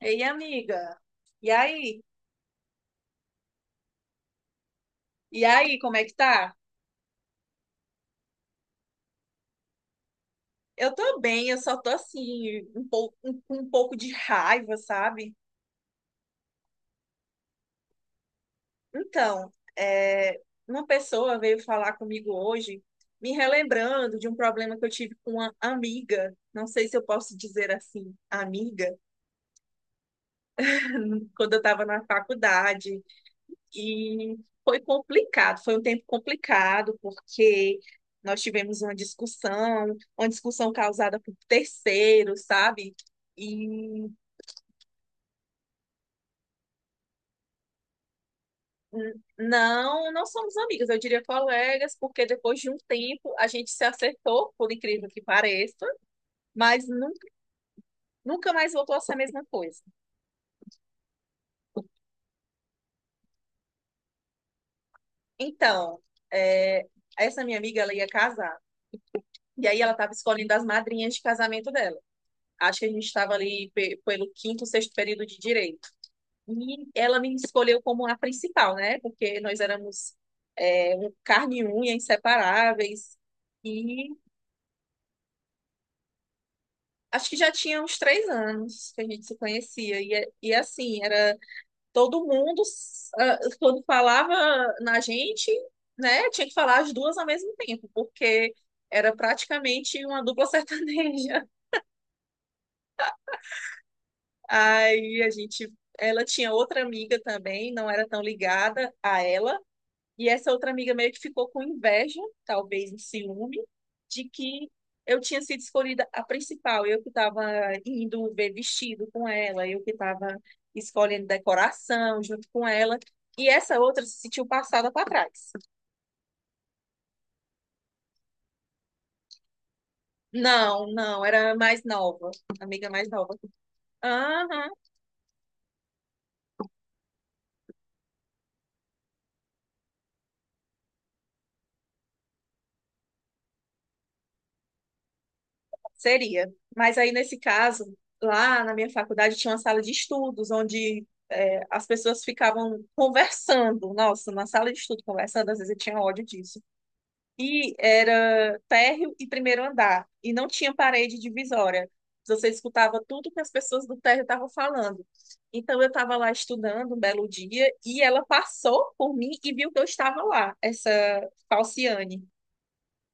Ei, amiga. E aí? E aí, como é que tá? Eu tô bem, eu só tô assim, um pouco, um pouco de raiva, sabe? Então, uma pessoa veio falar comigo hoje, me relembrando de um problema que eu tive com uma amiga. Não sei se eu posso dizer assim, amiga, quando eu estava na faculdade. E foi complicado, foi um tempo complicado, porque nós tivemos uma discussão causada por terceiros, sabe? E não, não somos amigas, eu diria colegas, porque depois de um tempo a gente se acertou, por incrível que pareça, mas nunca, nunca mais voltou a ser a mesma coisa. Então, é, essa minha amiga, ela ia casar, e aí ela estava escolhendo as madrinhas de casamento dela. Acho que a gente estava ali pelo quinto, sexto período de direito. E ela me escolheu como a principal, né? Porque nós éramos um carne e unha, inseparáveis. E acho que já tinha uns 3 anos que a gente se conhecia. E, e assim, era todo mundo, ah, quando falava na gente, né? Tinha que falar as duas ao mesmo tempo, porque era praticamente uma dupla sertaneja. Aí a gente. Ela tinha outra amiga também, não era tão ligada a ela. E essa outra amiga meio que ficou com inveja, talvez um ciúme, de que eu tinha sido escolhida a principal, eu que estava indo ver vestido com ela, eu que estava escolhendo decoração junto com ela. E essa outra se sentiu passada para trás. Não, não, era a mais nova, a amiga mais nova. Aham. Seria. Mas aí, nesse caso, lá na minha faculdade tinha uma sala de estudos, onde as pessoas ficavam conversando. Nossa, na sala de estudo conversando, às vezes eu tinha ódio disso. E era térreo e primeiro andar. E não tinha parede divisória. Você escutava tudo que as pessoas do térreo estavam falando. Então, eu estava lá estudando um belo dia e ela passou por mim e viu que eu estava lá, essa Falciane,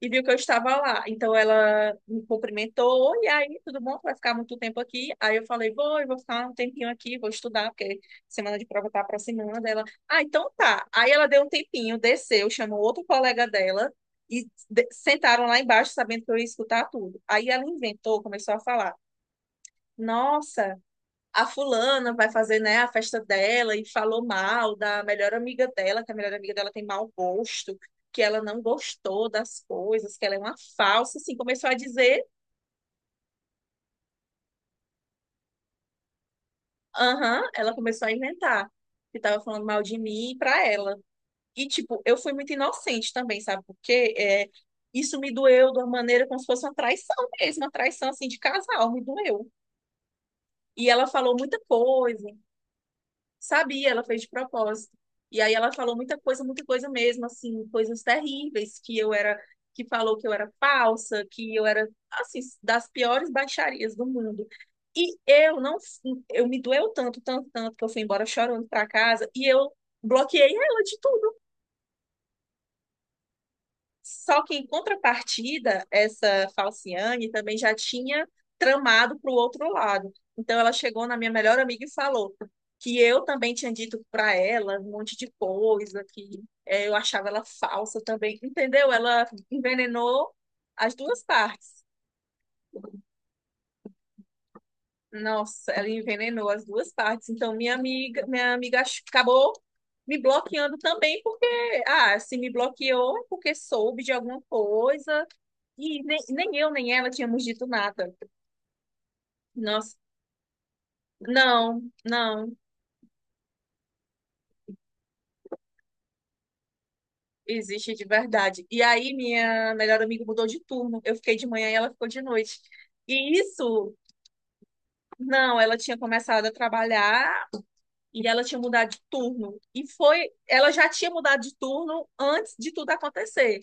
e viu que eu estava lá. Então ela me cumprimentou. E aí, tudo bom? Tu vai ficar muito tempo aqui? Aí eu falei, vou, eu vou ficar um tempinho aqui, vou estudar, porque semana de prova tá aproximando. Ela, ah, então tá. Aí ela deu um tempinho, desceu, chamou outro colega dela e sentaram lá embaixo, sabendo que eu ia escutar tudo. Aí ela inventou, começou a falar. Nossa, a fulana vai fazer, né, a festa dela, e falou mal da melhor amiga dela, que a melhor amiga dela tem mau gosto, que ela não gostou das coisas, que ela é uma falsa, assim, começou a dizer, aham, ela começou a inventar que tava falando mal de mim pra ela. E, tipo, eu fui muito inocente também, sabe por quê? Isso me doeu de uma maneira como se fosse uma traição mesmo, uma traição, assim, de casal, me doeu. E ela falou muita coisa. Sabia, ela fez de propósito. E aí ela falou muita coisa mesmo, assim, coisas terríveis, que eu era, que falou que eu era falsa, que eu era, assim, das piores baixarias do mundo. E eu não, eu me doeu tanto, tanto, tanto, que eu fui embora chorando para casa e eu bloqueei ela de tudo. Só que, em contrapartida, essa Falciane também já tinha tramado para o outro lado. Então, ela chegou na minha melhor amiga e falou que eu também tinha dito para ela um monte de coisa, que eu achava ela falsa também. Entendeu? Ela envenenou as duas partes. Nossa, ela envenenou as duas partes. Então, minha amiga acabou me bloqueando também, porque, ah, se me bloqueou é porque soube de alguma coisa. E nem, nem eu, nem ela tínhamos dito nada. Nossa, não, não, existe de verdade. E aí, minha melhor amiga mudou de turno. Eu fiquei de manhã e ela ficou de noite. E isso, não, ela tinha começado a trabalhar e ela tinha mudado de turno. E foi, ela já tinha mudado de turno antes de tudo acontecer.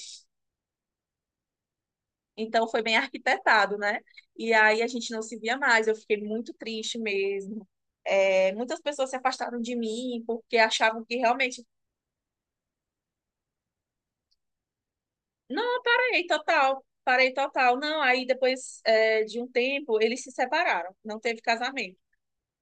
Então, foi bem arquitetado, né? E aí, a gente não se via mais. Eu fiquei muito triste mesmo. Muitas pessoas se afastaram de mim porque achavam que realmente. Não, parei total, parei total. Não, aí depois de um tempo eles se separaram, não teve casamento.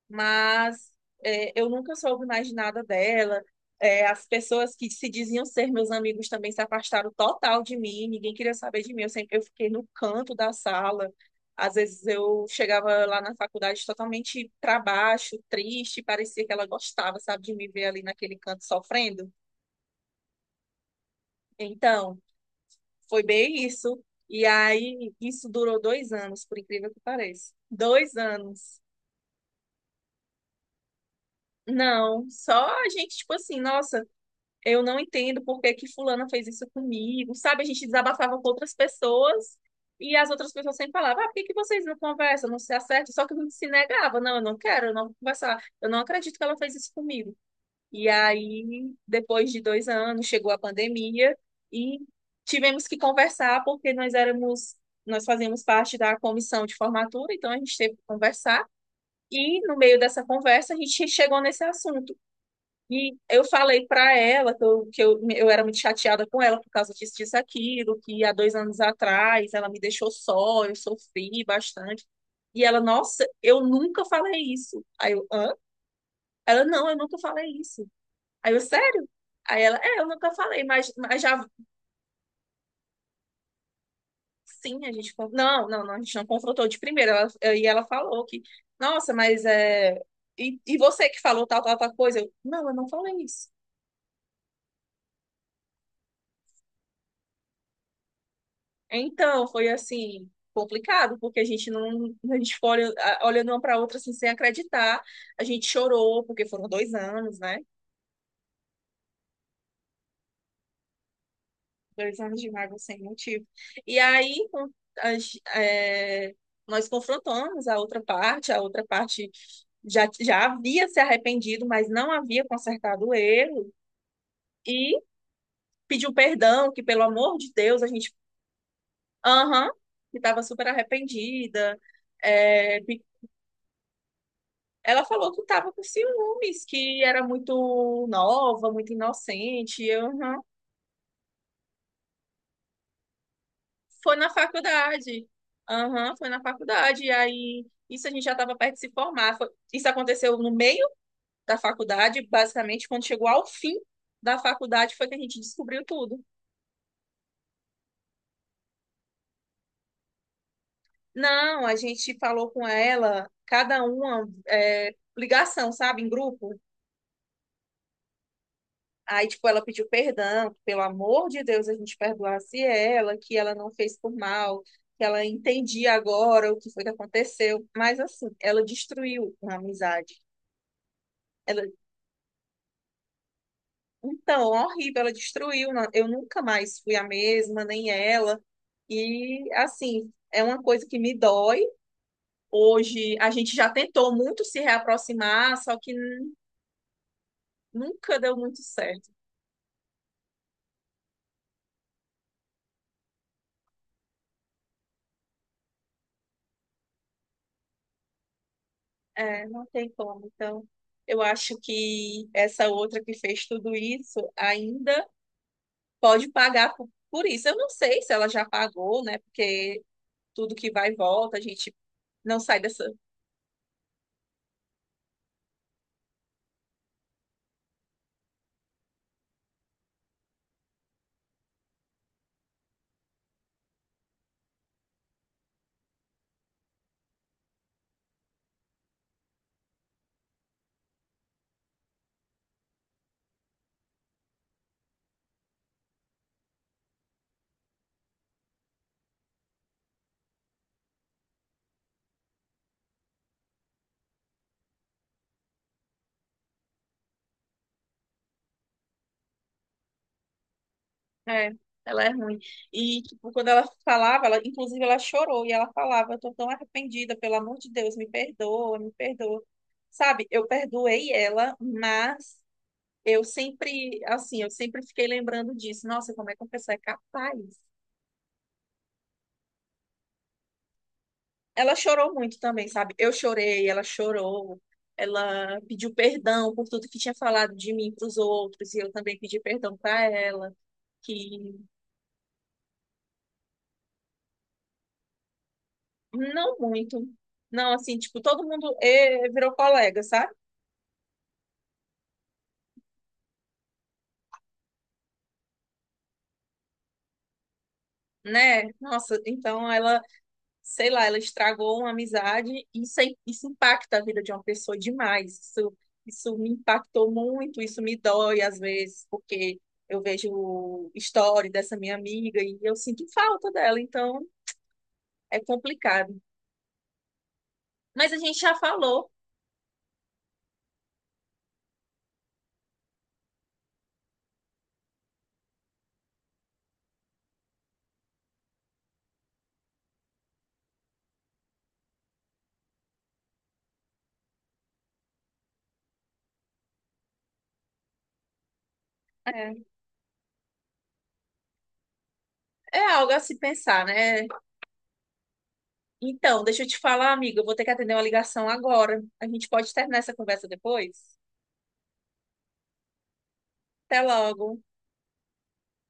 Mas eu nunca soube mais de nada dela. As pessoas que se diziam ser meus amigos também se afastaram total de mim, ninguém queria saber de mim. Eu sempre eu fiquei no canto da sala. Às vezes eu chegava lá na faculdade totalmente para baixo, triste, parecia que ela gostava, sabe, de me ver ali naquele canto sofrendo. Então. Foi bem isso. E aí, isso durou 2 anos, por incrível que pareça. 2 anos. Não, só a gente, tipo assim, nossa, eu não entendo por que que fulana fez isso comigo, sabe? A gente desabafava com outras pessoas e as outras pessoas sempre falavam, ah, por que que vocês não conversam, não se acertam? Só que a gente se negava, não, eu não quero, eu não vou conversar, eu não acredito que ela fez isso comigo. E aí, depois de 2 anos, chegou a pandemia e tivemos que conversar porque nós éramos, nós fazíamos parte da comissão de formatura, então a gente teve que conversar. E no meio dessa conversa a gente chegou nesse assunto. E eu falei para ela que eu era muito chateada com ela por causa disso, disso, aquilo, que há 2 anos atrás ela me deixou só, eu sofri bastante. E ela, nossa, eu nunca falei isso. Aí eu, hã? Ela, não, eu nunca falei isso. Aí eu, sério? Aí ela, eu nunca falei, mas já sim, a gente. Não, não, não, a gente não confrontou de primeira. E ela falou que, nossa, mas é. E você que falou tal, tal, tal coisa? Eu não falei isso. Então, foi assim, complicado, porque a gente não. A gente ficou olhando uma para outra assim, sem acreditar. A gente chorou, porque foram 2 anos, né? 2 anos de mágoa sem motivo. E aí, as- é, nós confrontamos a outra parte já havia se arrependido, mas não havia consertado o erro, e pediu perdão, que pelo amor de Deus, a gente, aham, que estava super arrependida. É, pe- ela falou que estava com ciúmes, que era muito nova, muito inocente, e eu, aham. Foi na faculdade. Aham, foi na faculdade. E aí, isso a gente já estava perto de se formar. Isso aconteceu no meio da faculdade, basicamente, quando chegou ao fim da faculdade, foi que a gente descobriu tudo. Não, a gente falou com ela, cada uma, ligação, sabe, em grupo. Aí, tipo, ela pediu perdão, que, pelo amor de Deus, a gente perdoasse ela, que ela não fez por mal, que ela entendia agora o que foi que aconteceu. Mas, assim, ela destruiu a amizade. Ela. Então, horrível, ela destruiu. Eu nunca mais fui a mesma, nem ela. E, assim, é uma coisa que me dói. Hoje, a gente já tentou muito se reaproximar, só que nunca deu muito certo. É, não tem como. Então, eu acho que essa outra que fez tudo isso ainda pode pagar por isso. Eu não sei se ela já pagou, né? Porque tudo que vai e volta, a gente não sai dessa. É, ela é ruim. E, tipo, quando ela falava, ela, inclusive ela chorou e ela falava, eu tô tão arrependida, pelo amor de Deus, me perdoa, me perdoa. Sabe, eu perdoei ela, mas eu sempre, assim, eu sempre fiquei lembrando disso. Nossa, como é que uma pessoa é capaz? Ela chorou muito também, sabe? Eu chorei, ela chorou. Ela pediu perdão por tudo que tinha falado de mim para os outros, e eu também pedi perdão para ela. Que. Não muito. Não, assim, tipo, todo mundo virou colega, sabe? Né? Nossa, então ela, sei lá, ela estragou uma amizade e isso, isso impacta a vida de uma pessoa demais. Isso, isso me impactou muito, isso me dói às vezes, porque eu vejo história dessa minha amiga e eu sinto falta dela, então é complicado. Mas a gente já falou, é, é algo a se pensar, né? Então, deixa eu te falar, amiga, eu vou ter que atender uma ligação agora. A gente pode terminar essa conversa depois? Até logo.